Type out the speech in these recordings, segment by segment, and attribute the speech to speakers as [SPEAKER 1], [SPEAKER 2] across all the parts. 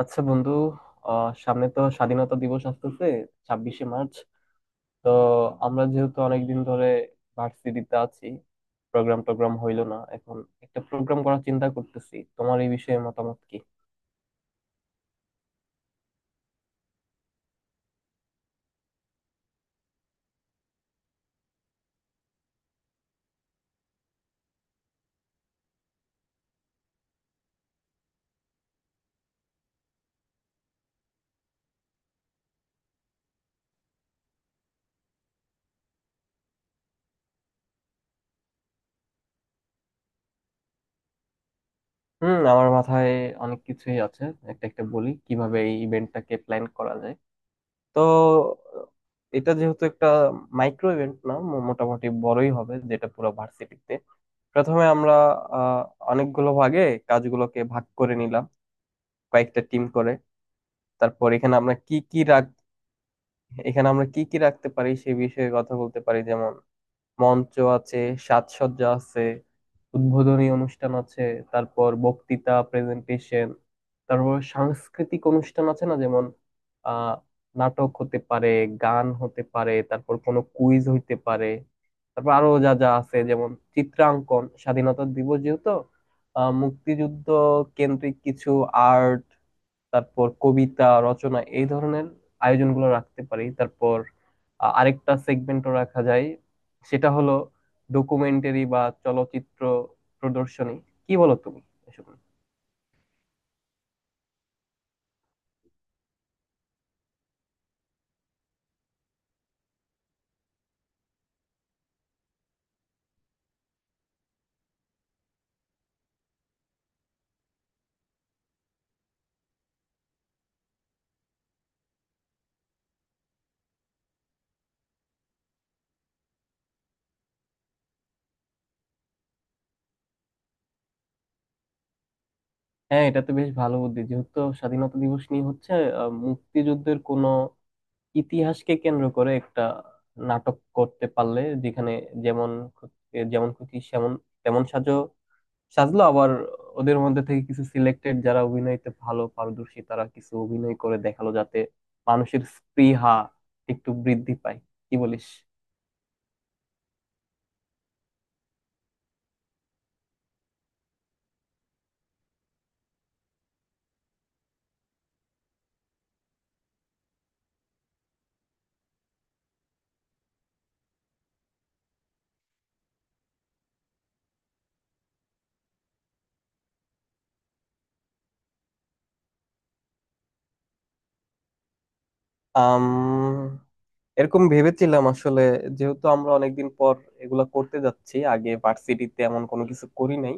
[SPEAKER 1] আচ্ছা বন্ধু। সামনে তো স্বাধীনতা দিবস আসতেছে, 26শে মার্চ। তো আমরা যেহেতু অনেকদিন ধরে ভার্সিটিতে আছি, প্রোগ্রাম টোগ্রাম হইলো না, এখন একটা প্রোগ্রাম করার চিন্তা করতেছি, তোমার এই বিষয়ে মতামত কি? হুম, আমার মাথায় অনেক কিছুই আছে। একটা একটা বলি কিভাবে এই ইভেন্টটাকে প্ল্যান করা যায়। তো এটা যেহেতু একটা মাইক্রো ইভেন্ট না, মোটামুটি বড়ই হবে, যেটা পুরো ভার্সিটিতে। প্রথমে আমরা আহ অনেকগুলো ভাগে কাজগুলোকে ভাগ করে নিলাম, কয়েকটা টিম করে। তারপর এখানে আমরা কি কি রাখতে পারি সে বিষয়ে কথা বলতে পারি, যেমন মঞ্চ আছে, সাজসজ্জা আছে, উদ্বোধনী অনুষ্ঠান আছে, তারপর বক্তৃতা, প্রেজেন্টেশন, তারপর সাংস্কৃতিক অনুষ্ঠান আছে না, যেমন আহ নাটক হতে পারে, গান হতে পারে, তারপর কোনো কুইজ হইতে পারে। তারপর আরো যা যা আছে, যেমন চিত্রাঙ্কন, স্বাধীনতা দিবস যেহেতু, মুক্তিযুদ্ধ কেন্দ্রিক কিছু আর্ট, তারপর কবিতা রচনা, এই ধরনের আয়োজনগুলো রাখতে পারি। তারপর আরেকটা সেগমেন্টও রাখা যায়, সেটা হলো ডকুমেন্টারি বা চলচ্চিত্র প্রদর্শনী। কি বলো তুমি এসব নিয়ে? হ্যাঁ, এটা তো বেশ ভালো বুদ্ধি। যেহেতু স্বাধীনতা দিবস নিয়ে হচ্ছে, মুক্তিযুদ্ধের কোনো ইতিহাসকে কেন্দ্র করে একটা নাটক করতে পারলে, যেখানে যেমন খুত- যেমন খুশি সেমন তেমন সাজো সাজলো, আবার ওদের মধ্যে থেকে কিছু সিলেক্টেড যারা অভিনয়তে ভালো পারদর্শী তারা কিছু অভিনয় করে দেখালো, যাতে মানুষের স্পৃহা একটু বৃদ্ধি পায়। কি বলিস? আম এরকম ভেবেছিলাম আসলে। যেহেতু আমরা অনেকদিন পর এগুলা করতে যাচ্ছি, আগে ভার্সিটিতে এমন কোনো কিছু করি নাই,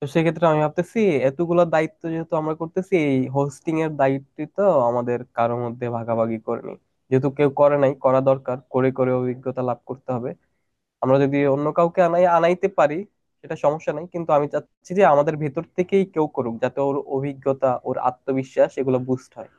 [SPEAKER 1] তো সেক্ষেত্রে আমি ভাবতেছি, এতগুলা দায়িত্ব যেহেতু আমরা করতেছি, এই হোস্টিং এর দায়িত্ব তো আমাদের কারোর মধ্যে ভাগাভাগি করে নিই। যেহেতু কেউ করে নাই, করা দরকার, করে করে অভিজ্ঞতা লাভ করতে হবে। আমরা যদি অন্য কাউকে আনাইতে পারি সেটা সমস্যা নাই, কিন্তু আমি চাচ্ছি যে আমাদের ভেতর থেকেই কেউ করুক, যাতে ওর অভিজ্ঞতা, ওর আত্মবিশ্বাস এগুলো বুস্ট হয়।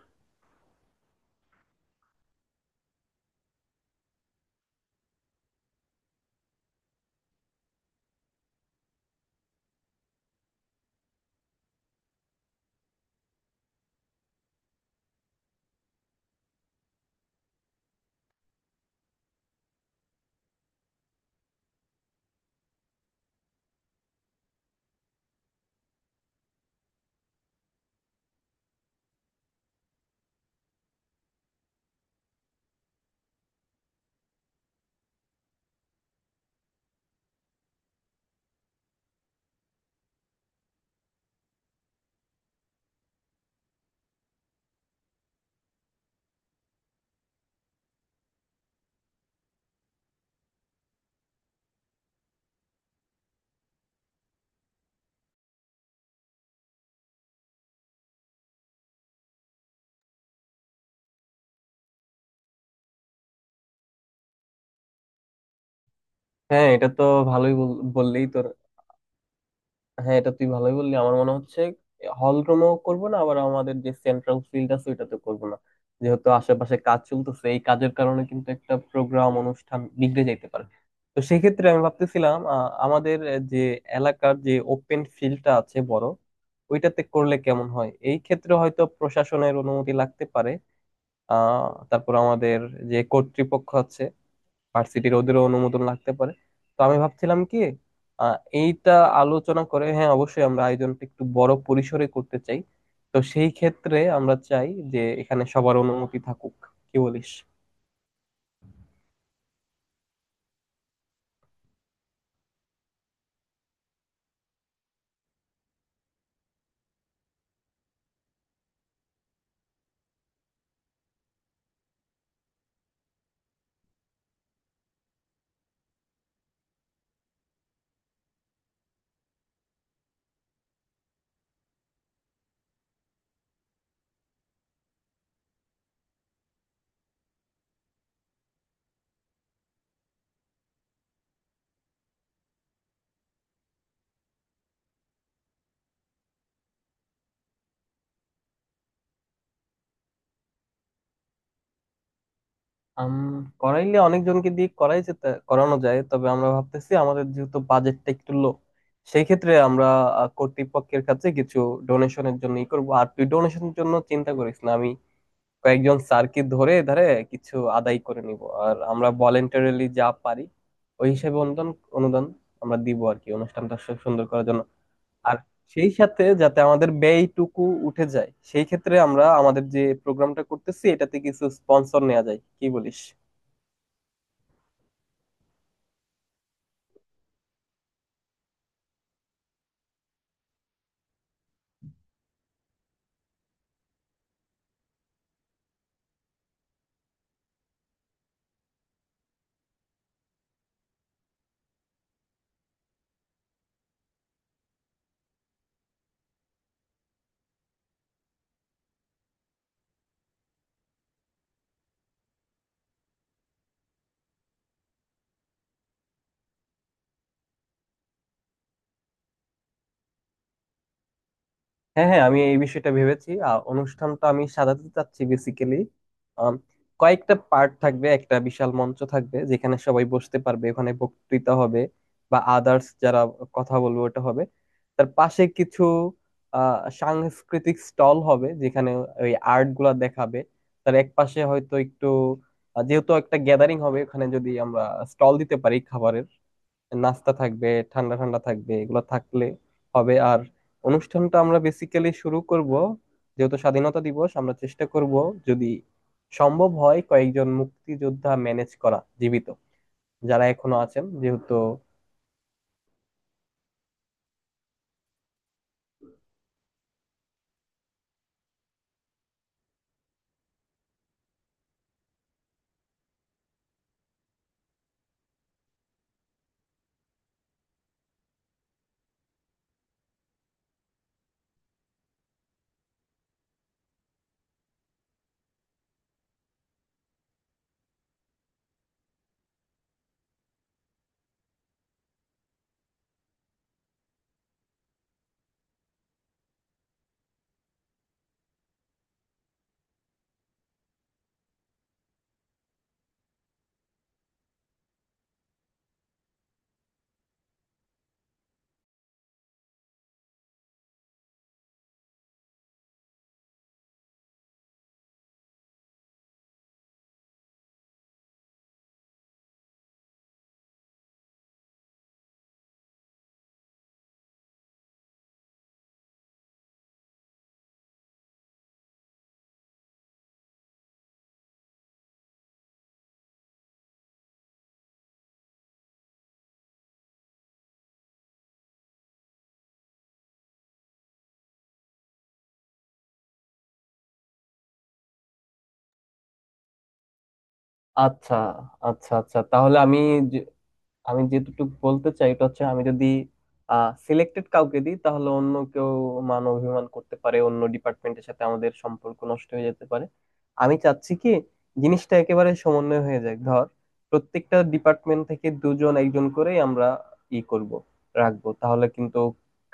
[SPEAKER 1] হ্যাঁ, এটা তো ভালোই বল- বললেই তোর হ্যাঁ, এটা তুই ভালোই বললি, আমার মনে হচ্ছে। হল রুমেও করবো না, আবার আমাদের যে সেন্ট্রাল ফিল্ড আছে ওইটাতে করবো না, যেহেতু আশেপাশে কাজ চলতেছে, এই কাজের কারণে কিন্তু একটা প্রোগ্রাম অনুষ্ঠান বিগড়ে যাইতে পারে। তো সেক্ষেত্রে আমি ভাবতেছিলাম, আমাদের যে এলাকার যে ওপেন ফিল্ডটা আছে বড়, ওইটাতে করলে কেমন হয়? এই ক্ষেত্রে হয়তো প্রশাসনের অনুমতি লাগতে পারে, আহ তারপর আমাদের যে কর্তৃপক্ষ আছে ভার্সিটির, ওদেরও অনুমোদন লাগতে পারে। তো আমি ভাবছিলাম কি, আহ, এইটা আলোচনা করে, হ্যাঁ অবশ্যই আমরা আয়োজনটা একটু বড় পরিসরে করতে চাই। তো সেই ক্ষেত্রে আমরা চাই যে এখানে সবার অনুমতি থাকুক। কি বলিস? আম, করাইলে অনেকজনকে দিয়ে করাই যেতে করানো যায়, তবে আমরা ভাবতেছি আমাদের যেহেতু বাজেটটা একটু লো, সেই ক্ষেত্রে আমরা কর্তৃপক্ষের কাছে কিছু ডোনেশনের জন্য ই করবো। আর তুই ডোনেশনের জন্য চিন্তা করিস না, আমি কয়েকজন স্যারকে ধরে ধরে কিছু আদায় করে নিব। আর আমরা ভলেন্টারিলি যা পারি, ওই হিসেবে অনুদান অনুদান আমরা দিব আর কি, অনুষ্ঠানটা সুন্দর করার জন্য। আর সেই সাথে যাতে আমাদের ব্যয়টুকু উঠে যায়, সেই ক্ষেত্রে আমরা আমাদের যে প্রোগ্রামটা করতেছি এটাতে কিছু স্পন্সর নেওয়া যায়। কি বলিস? হ্যাঁ, হ্যাঁ, আমি এই বিষয়টা ভেবেছি। আর অনুষ্ঠানটা আমি সাজাতে চাচ্ছি বেসিক্যালি কয়েকটা পার্ট থাকবে, একটা বিশাল মঞ্চ থাকবে যেখানে সবাই বসতে পারবে, ওখানে বক্তৃতা হবে বা আদার্স যারা কথা বলবে ওটা হবে। তার পাশে কিছু সাংস্কৃতিক স্টল হবে, যেখানে ওই আর্ট গুলা দেখাবে। তার এক পাশে হয়তো একটু, যেহেতু একটা গ্যাদারিং হবে ওখানে যদি আমরা স্টল দিতে পারি খাবারের, নাস্তা থাকবে, ঠান্ডা ঠান্ডা থাকবে, এগুলো থাকলে হবে। আর অনুষ্ঠানটা আমরা বেসিক্যালি শুরু করব, যেহেতু স্বাধীনতা দিবস, আমরা চেষ্টা করব যদি সম্ভব হয় কয়েকজন মুক্তিযোদ্ধা ম্যানেজ করা, জীবিত যারা এখনো আছেন যেহেতু। আচ্ছা, আচ্ছা, আচ্ছা। তাহলে যে- আমি যেটুকু বলতে চাই এটা হচ্ছে, আমি যদি সিলেক্টেড কাউকে দিই তাহলে অন্য কেউ মান অভিমান করতে পারে, অন্য ডিপার্টমেন্টের সাথে আমাদের সম্পর্ক নষ্ট হয়ে যেতে পারে। আমি চাচ্ছি কি, জিনিসটা একেবারে সমন্বয় হয়ে যায়। ধর প্রত্যেকটা ডিপার্টমেন্ট থেকে দুজন একজন করেই আমরা ই করব, রাখবো, তাহলে কিন্তু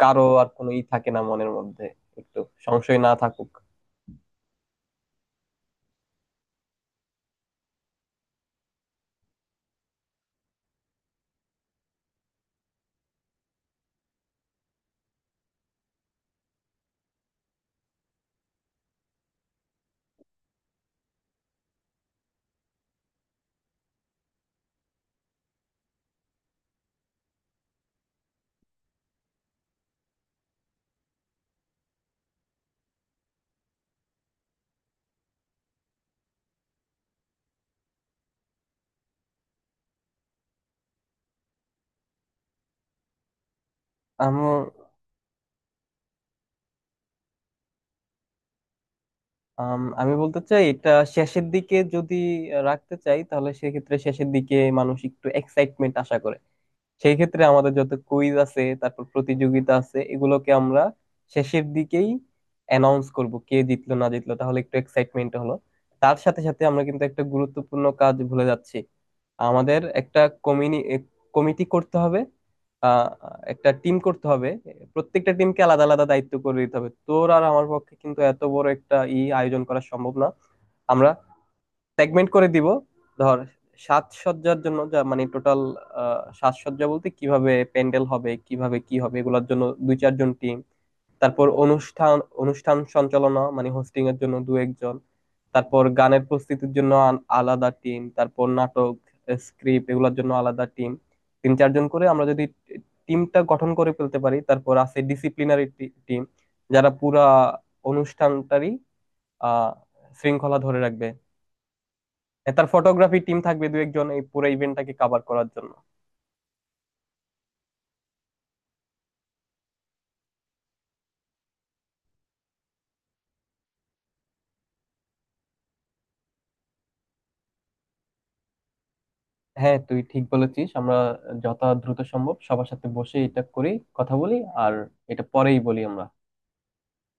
[SPEAKER 1] কারো আর কোনো ই থাকে না মনের মধ্যে, একটু সংশয় না থাকুক। আমার আমি বলতে চাই এটা, শেষের দিকে যদি রাখতে চাই তাহলে সেক্ষেত্রে শেষের দিকে মানুষ একটু এক্সাইটমেন্ট আশা করে। সেই ক্ষেত্রে আমাদের যত কুইজ আছে, তারপর প্রতিযোগিতা আছে, এগুলোকে আমরা শেষের দিকেই অ্যানাউন্স করব, কে জিতলো না জিতলো, তাহলে একটু এক্সাইটমেন্ট হলো। তার সাথে সাথে আমরা কিন্তু একটা গুরুত্বপূর্ণ কাজ ভুলে যাচ্ছি। আমাদের একটা কমিটি করতে হবে, আহ একটা টিম করতে হবে। প্রত্যেকটা টিমকে আলাদা আলাদা দায়িত্ব করে দিতে হবে। তোর আর আমার পক্ষে কিন্তু এত বড় একটা ই আয়োজন করা সম্ভব না, আমরা সেগমেন্ট করে দিব। ধর সাজসজ্জার জন্য, যা মানে টোটাল সাজসজ্জা বলতে কিভাবে প্যান্ডেল হবে, কিভাবে কি হবে, এগুলোর জন্য দুই চারজন টিম। তারপর অনুষ্ঠান অনুষ্ঠান সঞ্চালনা মানে হোস্টিং এর জন্য দু একজন। তারপর গানের প্রস্তুতির জন্য আলাদা টিম, তারপর নাটক স্ক্রিপ্ট এগুলোর জন্য আলাদা টিম, তিন চারজন করে আমরা যদি টিমটা গঠন করে ফেলতে পারি। তারপর আছে ডিসিপ্লিনারি টিম, যারা পুরা অনুষ্ঠানটারই আহ শৃঙ্খলা ধরে রাখবে। হ্যাঁ, তার ফটোগ্রাফি টিম থাকবে দু একজন এই পুরো ইভেন্টটাকে কভার করার জন্য। হ্যাঁ তুই ঠিক বলেছিস, আমরা যত দ্রুত সম্ভব সবার সাথে বসে এটা করি, কথা বলি। আর এটা পরেই বলি আমরা।